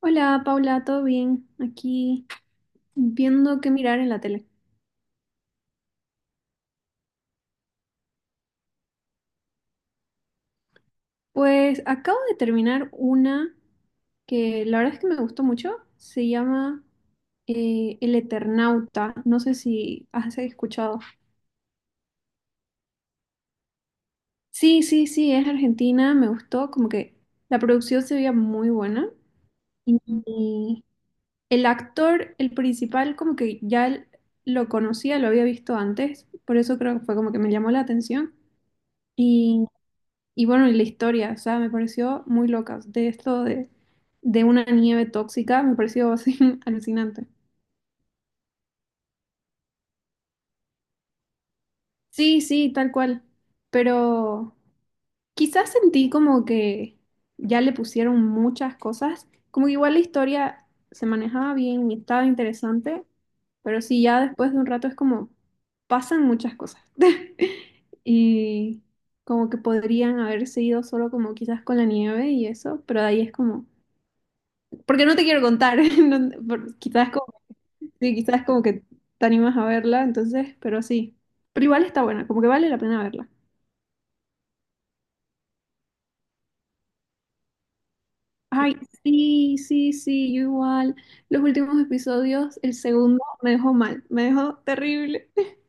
Hola Paula, ¿todo bien? Aquí viendo qué mirar en la tele. Pues acabo de terminar una que la verdad es que me gustó mucho. Se llama El Eternauta. No sé si has escuchado. Sí, sí, sí, es argentina. Me gustó. Como que la producción se veía muy buena. Y el actor, el principal, como que ya lo conocía, lo había visto antes. Por eso creo que fue como que me llamó la atención. Y bueno, y la historia, o sea, me pareció muy loca. De esto de una nieve tóxica, me pareció así alucinante. Sí, sí, tal cual. Pero quizás sentí como que ya le pusieron muchas cosas. Como que igual la historia se manejaba bien y estaba interesante. Pero sí, ya después de un rato es como pasan muchas cosas. Y como que podrían haberse ido solo como quizás con la nieve y eso. Pero de ahí es como porque no te quiero contar. Quizás como, sí, quizás como que te animas a verla, entonces, pero sí. Pero igual está buena, como que vale la pena verla. Ay, sí, sí, sí, yo igual. Los últimos episodios, el segundo me dejó mal, me dejó terrible.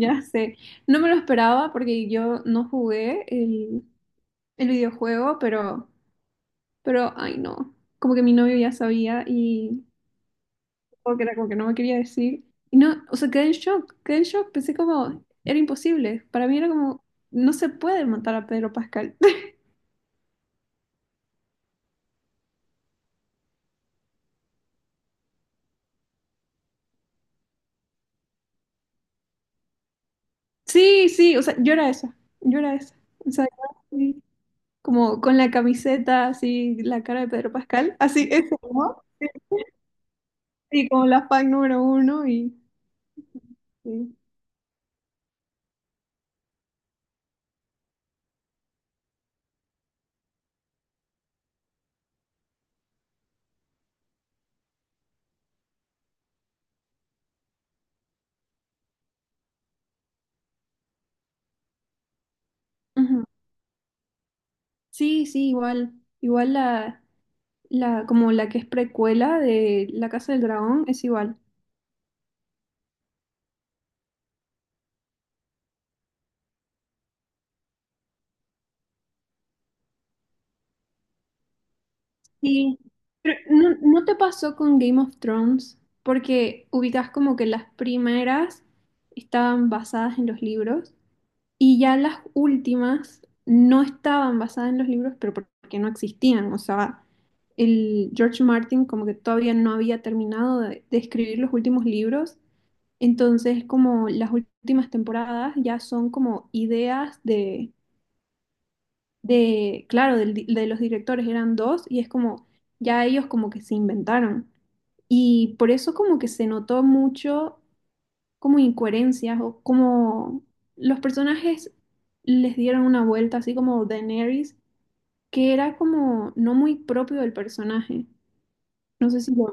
Ya sé. No me lo esperaba porque yo no jugué el videojuego, pero, ay no. Como que mi novio ya sabía y como que era como que no me quería decir. Y no, o sea, quedé en shock, quedé en shock. Pensé como, era imposible. Para mí era como, no se puede matar a Pedro Pascal. Sí, sí, o sea, yo era esa. O sea, yo así, como con la camiseta, así, la cara de Pedro Pascal, así, eso, ¿no? Sí, sí, como la fan número uno y... Sí, ujú. Sí, sí, igual, igual como la que es precuela de La Casa del Dragón es igual. Sí, pero ¿no, no te pasó con Game of Thrones? Porque ubicas como que las primeras estaban basadas en los libros y ya las últimas no estaban basadas en los libros, pero porque no existían. O sea, el George Martin como que todavía no había terminado de escribir los últimos libros. Entonces, como las últimas temporadas ya son como ideas de, claro, de los directores eran dos y es como, ya ellos como que se inventaron. Y por eso como que se notó mucho como incoherencias o como los personajes les dieron una vuelta así como Daenerys, que era como no muy propio del personaje. No sé si lo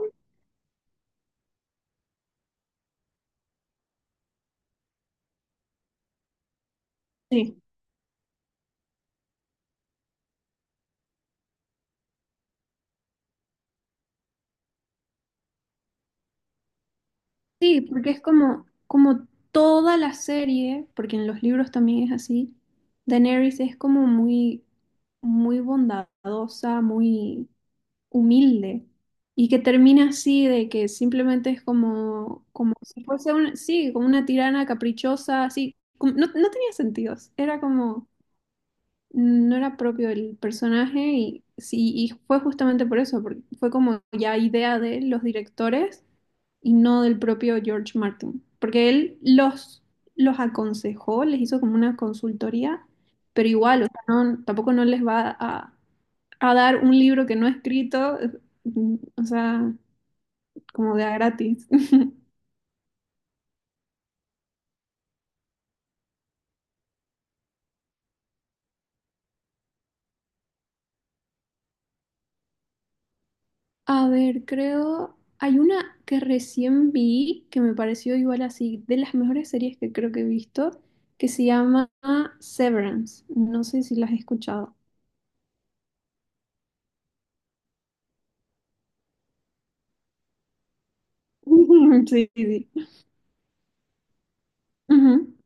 sí. Sí, porque es como, como toda la serie, porque en los libros también es así, Daenerys es como muy, muy bondadosa, muy humilde y que termina así de que simplemente es como, como si fuese un, sí, como una tirana caprichosa, así, como- no, no tenía sentidos, era como, no era propio el personaje y, sí, y fue justamente por eso, porque fue como ya idea de los directores y no del propio George Martin, porque él los aconsejó, les hizo como una consultoría, pero igual, o sea, no- tampoco no les va a dar un libro que no he escrito, mm, o sea, como de a gratis. A ver, creo, hay una que recién vi que me pareció igual así, de las mejores series que creo que he visto, que se llama Severance. No sé si las has escuchado. Sí, sí. Ujú,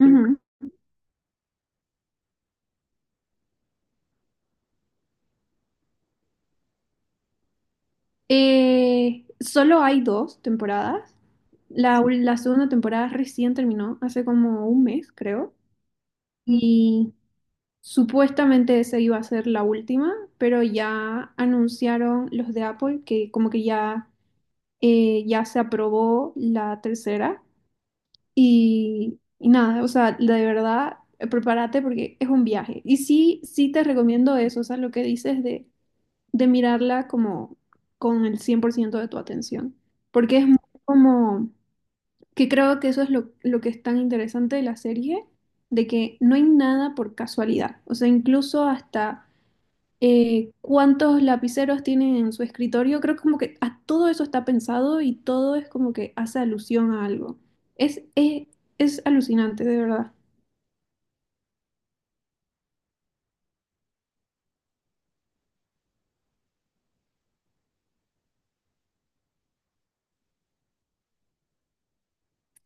ujú. Solo hay dos temporadas. La, la segunda temporada recién terminó, hace como un mes, creo. Y supuestamente esa iba a ser la última, pero ya anunciaron los de Apple que como que ya, ya se aprobó la tercera y nada, o sea, de verdad, prepárate porque es un viaje. Y sí, sí te recomiendo eso, o sea, lo que dices de mirarla como con el 100% de tu atención, porque es muy como que creo que eso es lo que es tan interesante de la serie, de que no hay nada por casualidad, o sea, incluso hasta cuántos lapiceros tienen en su escritorio. Creo que como que a todo eso está pensado y todo es como que hace alusión a algo. Es, es, es alucinante, de verdad.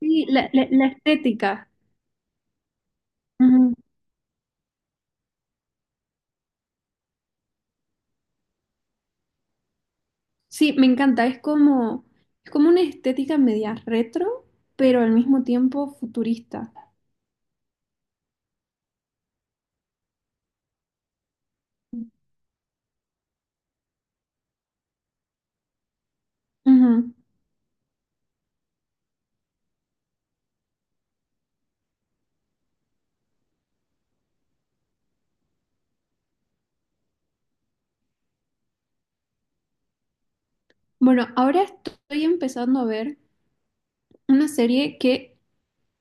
Sí, la estética. Ujú. Sí, me encanta. Es como una estética media retro, pero al mismo tiempo futurista. Ujú. Bueno, ahora estoy empezando a ver una serie que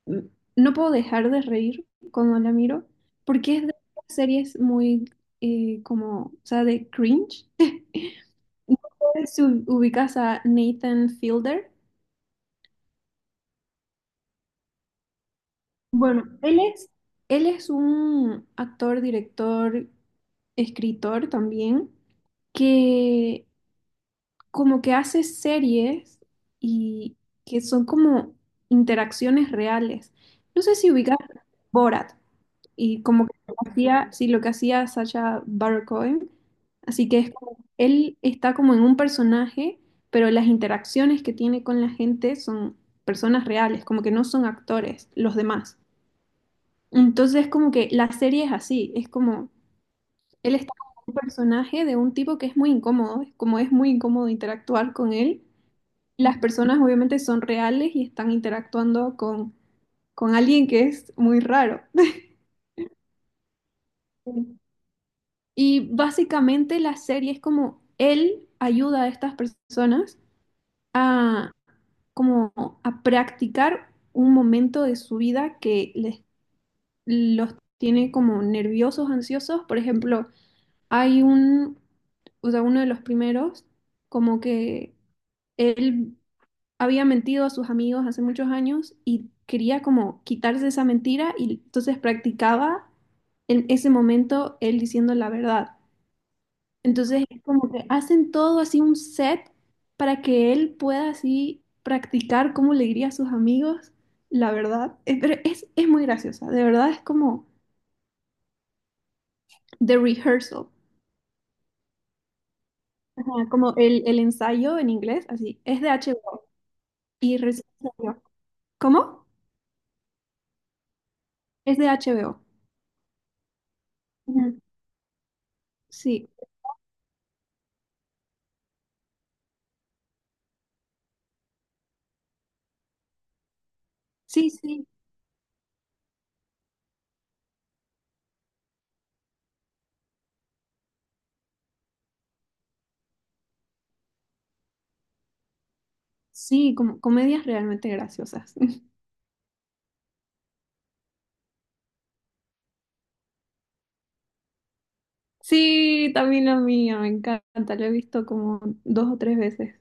m- no puedo dejar de reír cuando la miro, porque es de las series muy o sea, de cringe. No sé si u- Ubicas a Nathan Fielder. Bueno, él es un actor, director, escritor también, que como que hace series y que son como interacciones reales. No sé si ubicas Borat. Y como que lo que hacía, sí, lo que hacía Sacha Baron Cohen. Así que es como, él está como en un personaje, pero las interacciones que tiene con la gente son personas reales, como que no son actores, los demás. Entonces, como que la serie es así, es como, él está como un personaje de un tipo que es muy incómodo, es como es muy incómodo interactuar con él. Las personas obviamente son reales y están interactuando con alguien que es muy raro. Y básicamente la serie es como él ayuda a estas personas a como a practicar un momento de su vida que les, los tiene como nerviosos, ansiosos. Por ejemplo, hay un, o sea, uno de los primeros, como que él había mentido a sus amigos hace muchos años y quería como quitarse esa mentira y entonces practicaba en ese momento él diciendo la verdad. Entonces es como que hacen todo así un set para que él pueda así practicar cómo le diría a sus amigos la verdad. Pero es muy graciosa, de verdad es como The Rehearsal, ajá, como el ensayo en inglés, así, es de HBO y recién salió. ¿Cómo? Es de HBO. Ujú. Sí, sí, sí, sí, como comedias realmente graciosas. Sí, también la mía, me encanta, la he visto como dos o tres veces.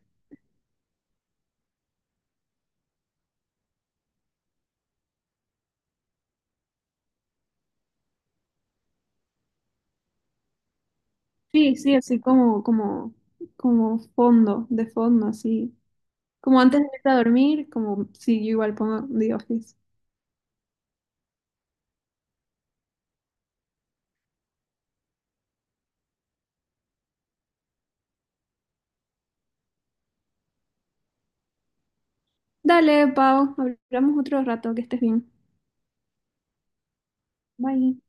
Sí, sí, así como fondo, de fondo, así. Como antes de irte a dormir, como si yo igual pongo The Office. Dale, Pau, hablamos otro rato, que estés bien. Bye.